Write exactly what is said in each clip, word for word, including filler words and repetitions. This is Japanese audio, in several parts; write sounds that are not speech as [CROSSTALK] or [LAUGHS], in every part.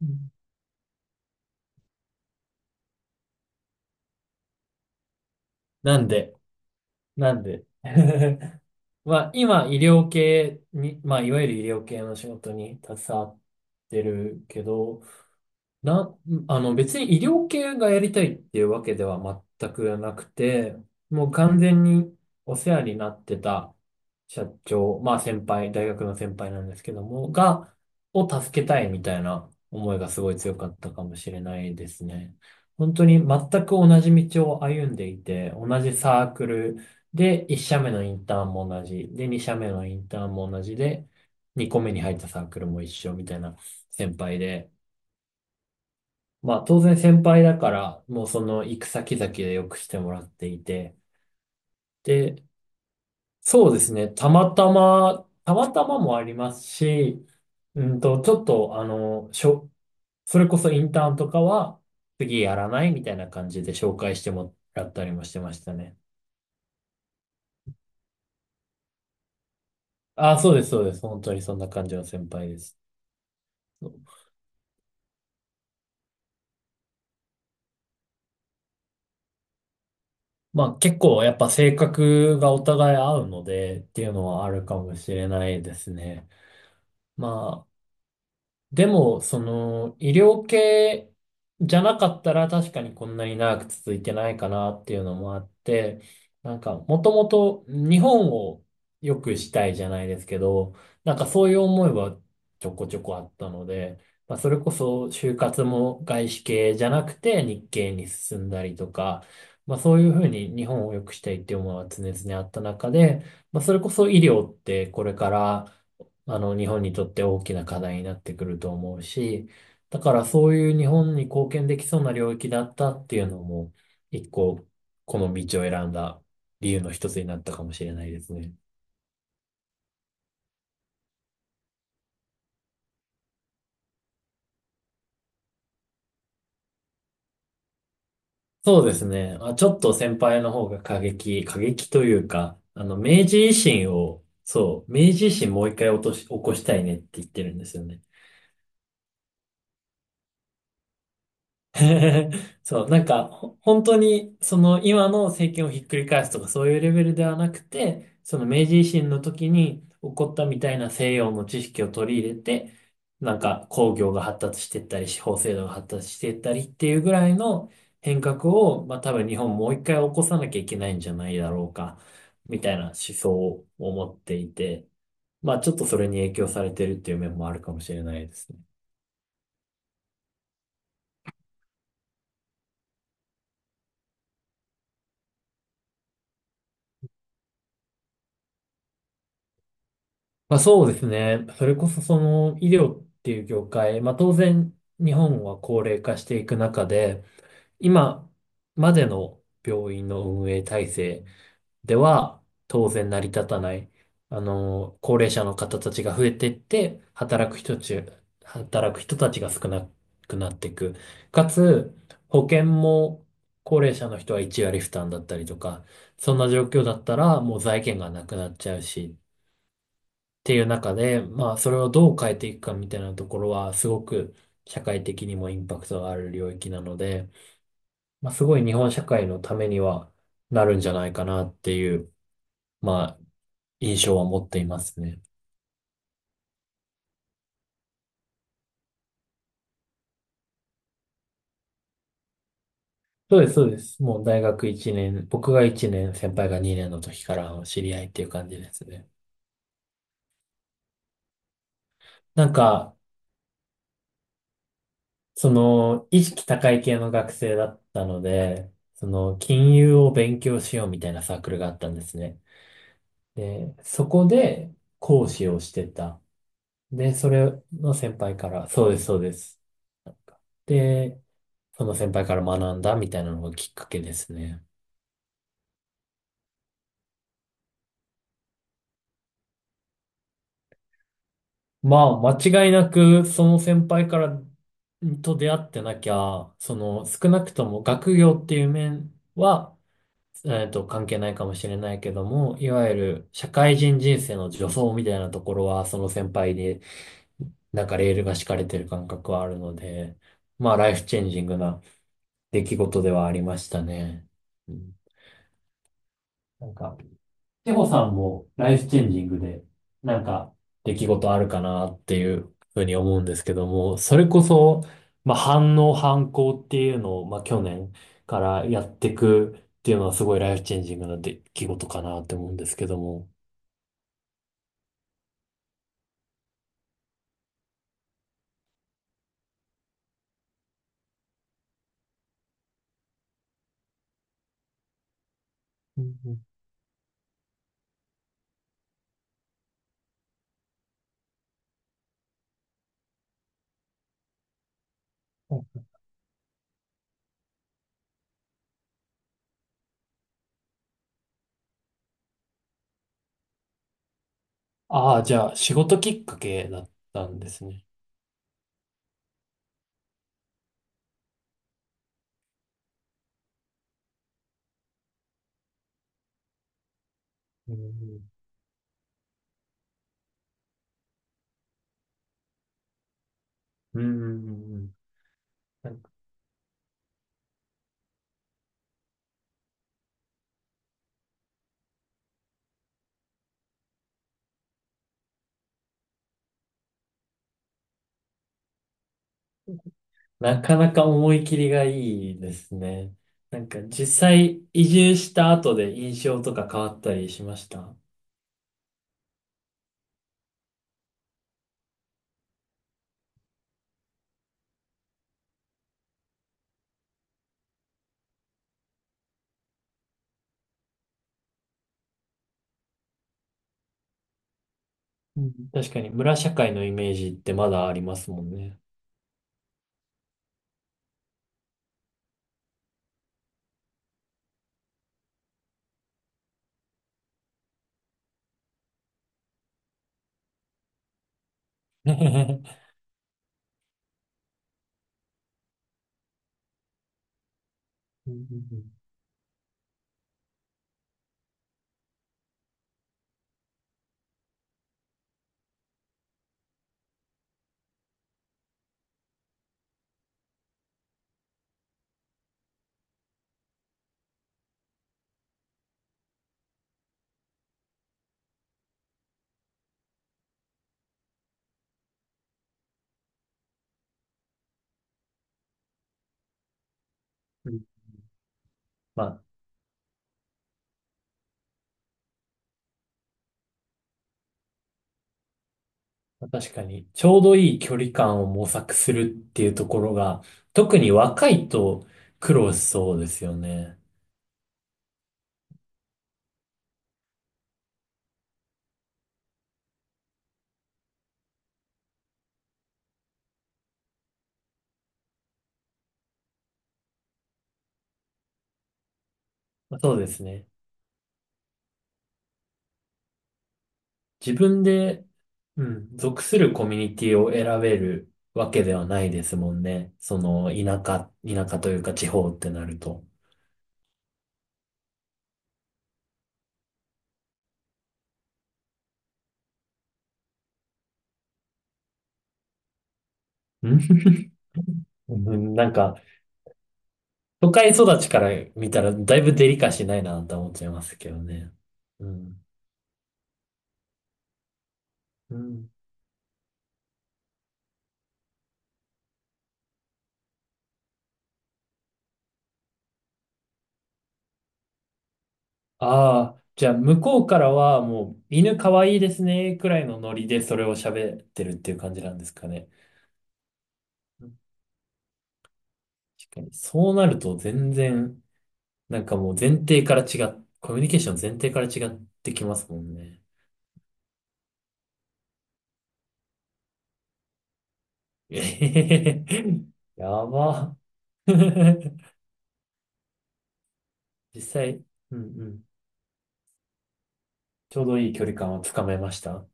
うん。なんで、なんで。[LAUGHS] まあ、今、医療系に、まあ、いわゆる医療系の仕事に携わってるけど、な、あの別に医療系がやりたいっていうわけでは全くなくて、もう完全にお世話になってた社長、まあ先輩、大学の先輩なんですけども、が、を助けたいみたいな思いがすごい強かったかもしれないですね。本当に全く同じ道を歩んでいて、同じサークルでいっしゃめ社目のインターンも同じ、でにしゃめ社目のインターンも同じで、にこめに入ったサークルも一緒みたいな先輩で、まあ当然先輩だから、もうその行く先々でよくしてもらっていて。で、そうですね。たまたま、たまたまもありますし、うんと、ちょっとあの、しょ、それこそインターンとかは次やらないみたいな感じで紹介してもらったりもしてましたね。ああ、そうです、そうです。本当にそんな感じの先輩です。まあ結構やっぱ性格がお互い合うのでっていうのはあるかもしれないですね。までも、その、医療系じゃなかったら確かにこんなに長く続いてないかなっていうのもあって、なんか、もともと日本を良くしたいじゃないですけど、なんかそういう思いはちょこちょこあったので、まあ、それこそ就活も外資系じゃなくて日系に進んだりとか、まあそういうふうに日本を良くしたいっていう思いは常々あった中で、まあそれこそ医療ってこれからあの、日本にとって大きな課題になってくると思うし、だからそういう日本に貢献できそうな領域だったっていうのも、一個、この道を選んだ理由の一つになったかもしれないですね。そうですね。あ、ちょっと先輩の方が過激、過激というか、あの、明治維新を、そう、明治維新もう一回落とし、起こしたいねって言ってるんですよね。[LAUGHS] そう、なんか、ほ本当に、その今の政権をひっくり返すとかそういうレベルではなくて、その明治維新の時に起こったみたいな西洋の知識を取り入れて、なんか工業が発達していったり、司法制度が発達していったりっていうぐらいの変革を、まあ多分日本もう一回起こさなきゃいけないんじゃないだろうか、みたいな思想を持っていて、まあちょっとそれに影響されてるっていう面もあるかもしれないですね。まあそうですね。それこそその医療っていう業界、まあ当然日本は高齢化していく中で、今までの病院の運営体制では当然成り立たない、あの、高齢者の方たちが増えていって、働く人たち、働く人たちが少なくなっていく。かつ、保険も高齢者の人はいちわり割負担だったりとか、そんな状況だったらもう財源がなくなっちゃうし、っていう中で、まあ、それをどう変えていくかみたいなところは、すごく社会的にもインパクトがある領域なので、まあ、すごい日本社会のためにはなるんじゃないかなっていう、まあ、印象は持っていますね。そうです、そうです。もう大学いちねん、僕がいちねん、先輩がにねんの時からの知り合いっていう感じですね。なんか、その、意識高い系の学生だったので、その、金融を勉強しようみたいなサークルがあったんですね。で、そこで講師をしてた。で、それの先輩から、そうです、そうです。なんかで、その先輩から学んだみたいなのがきっかけですね。まあ、間違いなく、その先輩からと出会ってなきゃ、その少なくとも学業っていう面は、えっと、関係ないかもしれないけども、いわゆる社会人人生の助走みたいなところは、その先輩になんかレールが敷かれてる感覚はあるので、まあライフチェンジングな出来事ではありましたね。うん、なんか、テホさんもライフチェンジングで、なんか出来事あるかなっていうふうに思うんですけども、それこそ、まあ反応反抗っていうのを、まあ去年からやっていくっていうのはすごいライフチェンジングな出来事かなって思うんですけども。うんうんうん。ああ、じゃあ仕事きっかけだったんですね。うんうん。なんかなかなか思い切りがいいですね。なんか実際移住した後で印象とか変わったりしました？うん、確かに村社会のイメージってまだありますもんね。[LAUGHS] うんうんうん。まあ確かにちょうどいい距離感を模索するっていうところが特に若いと苦労しそうですよね。そうですね。自分で、うん、属するコミュニティを選べるわけではないですもんね。その、田舎、田舎というか地方ってなると。うん、うん。なんか、都会育ちから見たらだいぶデリカシーないなと思っちゃいますけどね。うん。うん。ああ、じゃあ向こうからはもう犬かわいいですねくらいのノリでそれを喋ってるっていう感じなんですかね。うん、確かに。そうなると全然、なんかもう前提から違っ、コミュニケーション前提から違ってきますもんね。えへへへ [LAUGHS] やば。[LAUGHS] 実際、うんうん。ちょうどいい距離感をつかめました？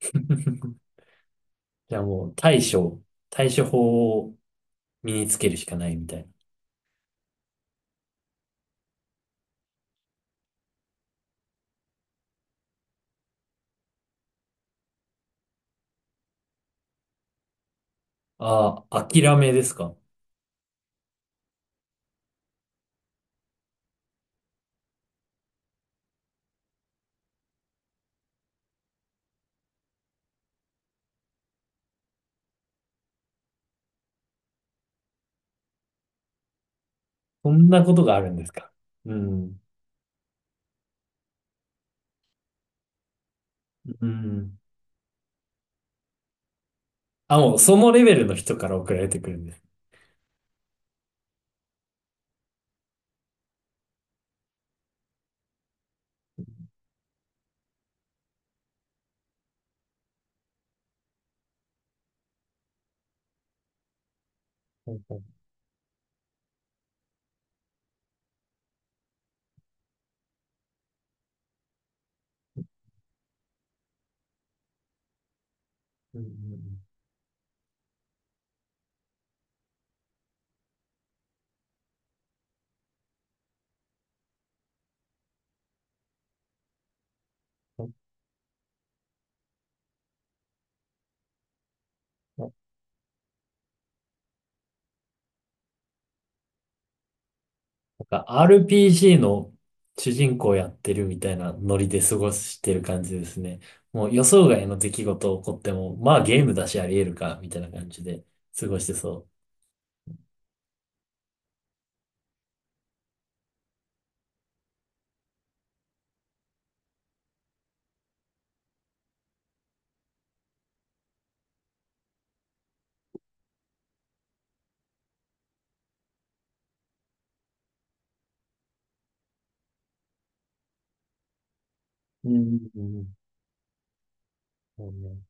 [LAUGHS] じゃあもう対処、対処法を身につけるしかないみたいな。ああ、諦めですか？そんなことがあるんですか？うん。うん。あ、もうそのレベルの人から送られてくるんです。うんうんうん。なんか アールピージー の主人公やってるみたいなノリで過ごしてる感じですね。もう予想外の出来事起こっても、まあゲームだしあり得るか、みたいな感じで過ごしてそう。うんうんうん